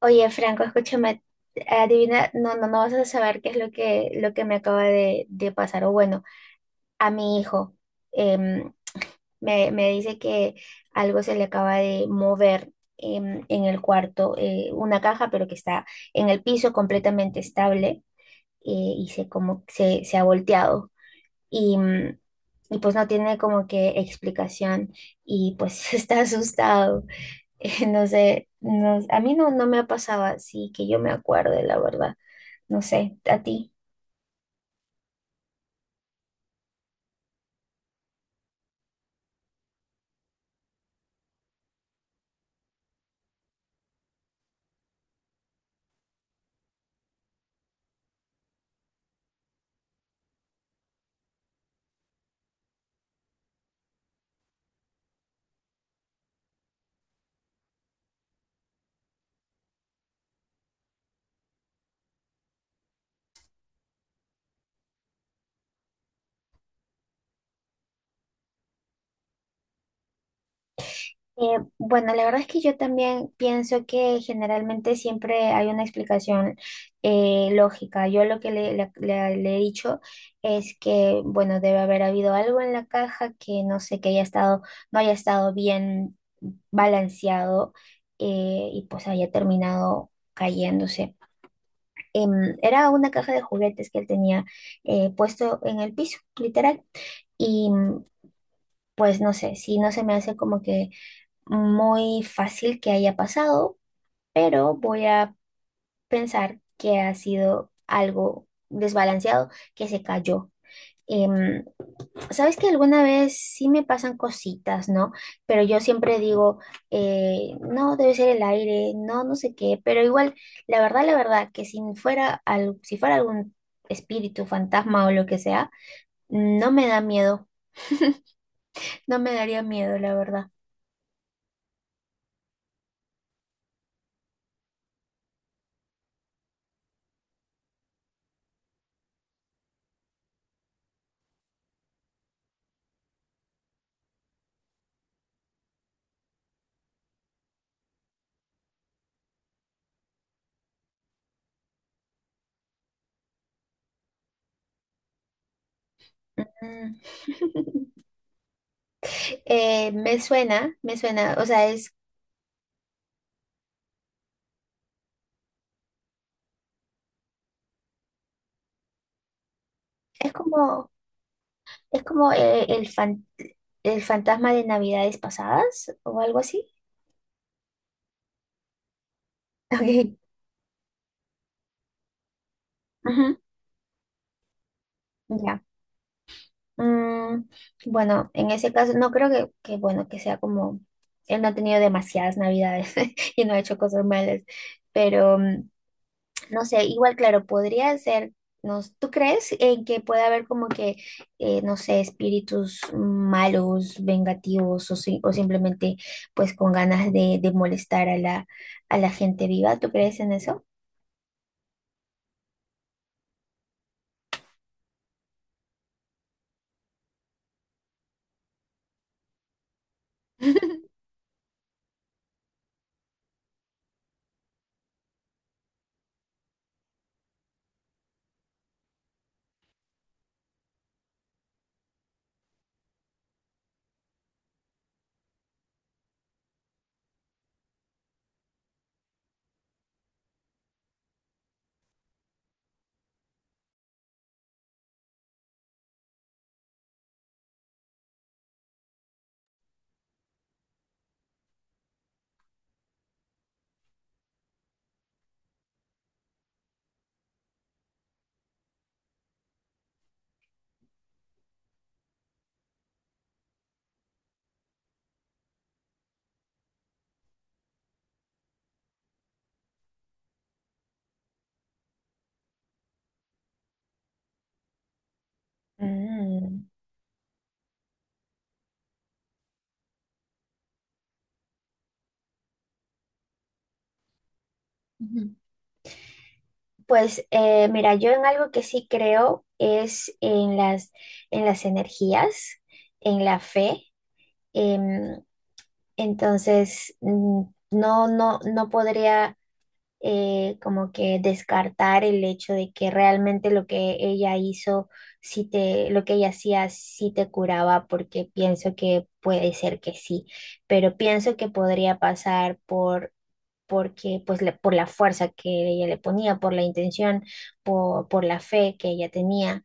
Oye, Franco, escúchame, adivina, no, no, no vas a saber qué es lo que me acaba de pasar. O bueno, a mi hijo em, me dice que algo se le acaba de mover en el cuarto, una caja, pero que está en el piso completamente estable y se, como, se ha volteado. Y y pues no tiene como que explicación y pues está asustado. No sé, a mí no, no me ha pasado así que yo me acuerde, la verdad. No sé, a ti. Bueno, la verdad es que yo también pienso que generalmente siempre hay una explicación lógica. Yo lo que le he dicho es que, bueno, debe haber habido algo en la caja que no sé, que haya estado, no haya estado bien balanceado, y pues haya terminado cayéndose. Era una caja de juguetes que él tenía puesto en el piso, literal. Y pues no sé, si no se me hace como que muy fácil que haya pasado, pero voy a pensar que ha sido algo desbalanceado que se cayó. em, sabes que alguna vez sí me pasan cositas, ¿no? Pero yo siempre digo, no, debe ser el aire, no, no sé qué, pero igual, la verdad, que si fuera, al, si fuera algún espíritu, fantasma o lo que sea, no me da miedo, no me daría miedo, la verdad. Mm. Me suena, me suena, o sea, es como, es como el fantasma de Navidades pasadas o algo así. Ok. Ujú. Ya. Mm, bueno, en ese caso, no creo bueno, que sea como, él no ha tenido demasiadas navidades y no ha hecho cosas malas, pero no sé, igual, claro, podría ser, no, ¿tú crees en que puede haber como que, no sé, espíritus malos, vengativos o o simplemente pues con ganas de molestar a a la gente viva? ¿Tú crees en eso? Mm. Pues, mira, yo en algo que sí creo es en en las energías, en la fe. em, entonces, no, no, no podría como que descartar el hecho de que realmente lo que ella hizo, sí te, lo que ella hacía, sí te curaba, porque pienso que puede ser que sí, pero pienso que podría pasar por porque pues por la fuerza que ella le ponía, por la intención, por la fe que ella tenía.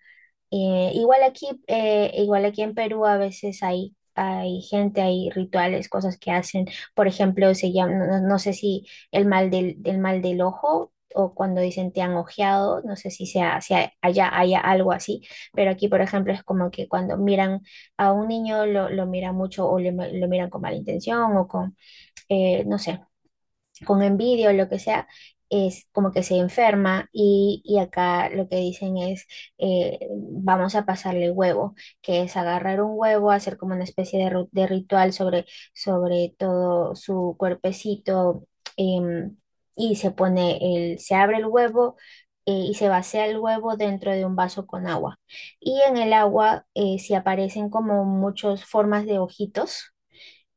Eh, igual aquí, igual aquí en Perú a veces hay, hay gente, hay rituales, cosas que hacen. Por ejemplo, se llama, no, no sé si el mal del, el mal del ojo o cuando dicen te han ojeado, no sé si sea, si hay- allá haya algo así, pero aquí, por ejemplo, es como que cuando miran a un niño lo miran mucho o lo miran con mala intención o con, no sé, con envidia o lo que sea, es como que se enferma y acá lo que dicen es, eh, vamos a pasarle huevo, que es agarrar un huevo, hacer como una especie de, de ritual sobre, sobre todo su cuerpecito, em, y se pone el, se abre el huevo. Y se vacía el huevo dentro de un vaso con agua. Y en el agua, si aparecen como muchas formas de ojitos,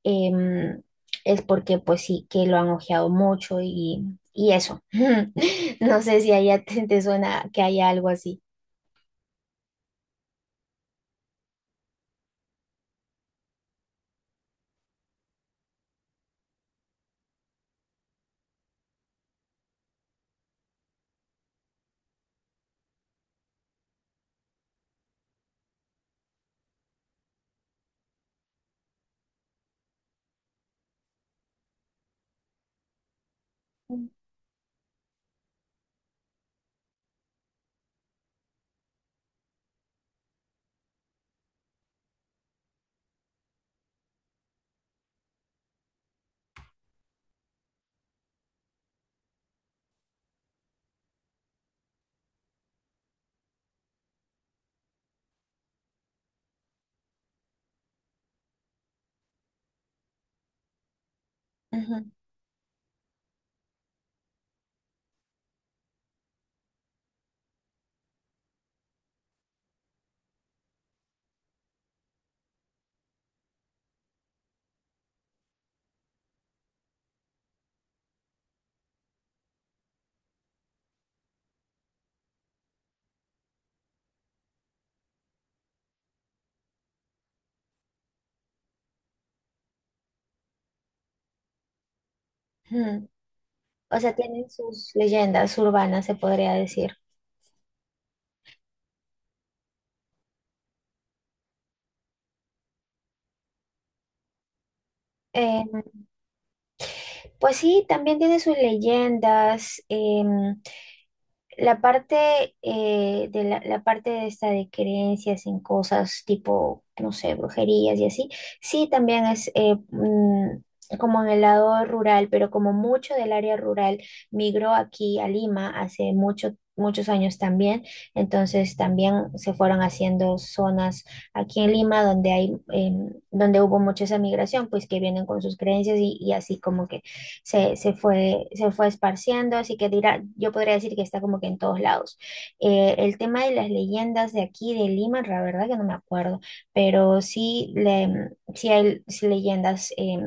em, es porque pues sí que lo han ojeado mucho y eso. No sé si allá te, te suena que haya algo así. Ujú, ujú. O sea, tienen sus leyendas urbanas, se podría decir. Pues sí, también tiene sus leyendas. La parte, la parte de esta de creencias en cosas tipo, no sé, brujerías y así, sí también es, como en el lado rural, pero como mucho del área rural migró aquí a Lima hace mucho, muchos años también, entonces también se fueron haciendo zonas aquí en Lima donde hay, donde hubo mucha esa migración, pues que vienen con sus creencias y así como que se, se fue esparciendo, así que dirá, yo podría decir que está como que en todos lados. El tema de las leyendas de aquí, de Lima, la verdad que no me acuerdo, pero sí, le, sí hay sí leyendas,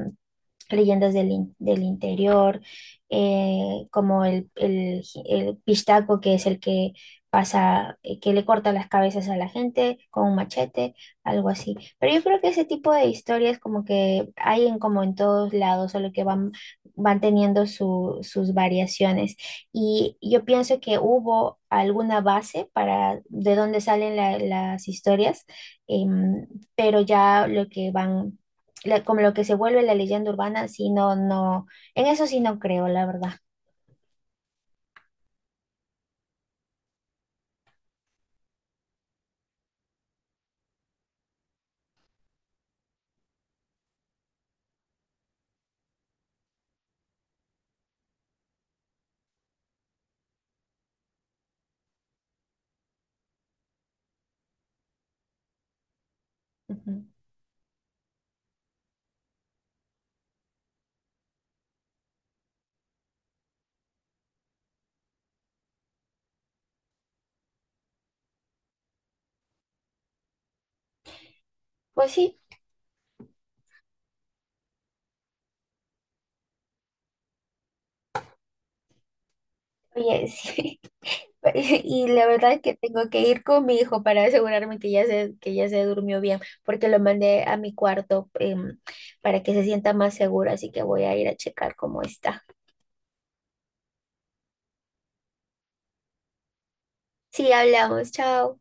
leyendas del interior, como el pistaco, que es el que pasa, que le corta las cabezas a la gente con un machete, algo así. Pero yo creo que ese tipo de historias como que hay en como en todos lados, solo que van, van teniendo sus variaciones. Y yo pienso que hubo alguna base para de dónde salen las historias, em, pero ya lo que van como lo que se vuelve la leyenda urbana, sí, no, no, en eso sí no creo, la verdad. Ujú. Pues sí, oye, sí. Y la verdad es que tengo que ir con mi hijo para asegurarme que ya se durmió bien, porque lo mandé a mi cuarto, para que se sienta más seguro, así que voy a ir a checar cómo está. Sí, hablamos, chao.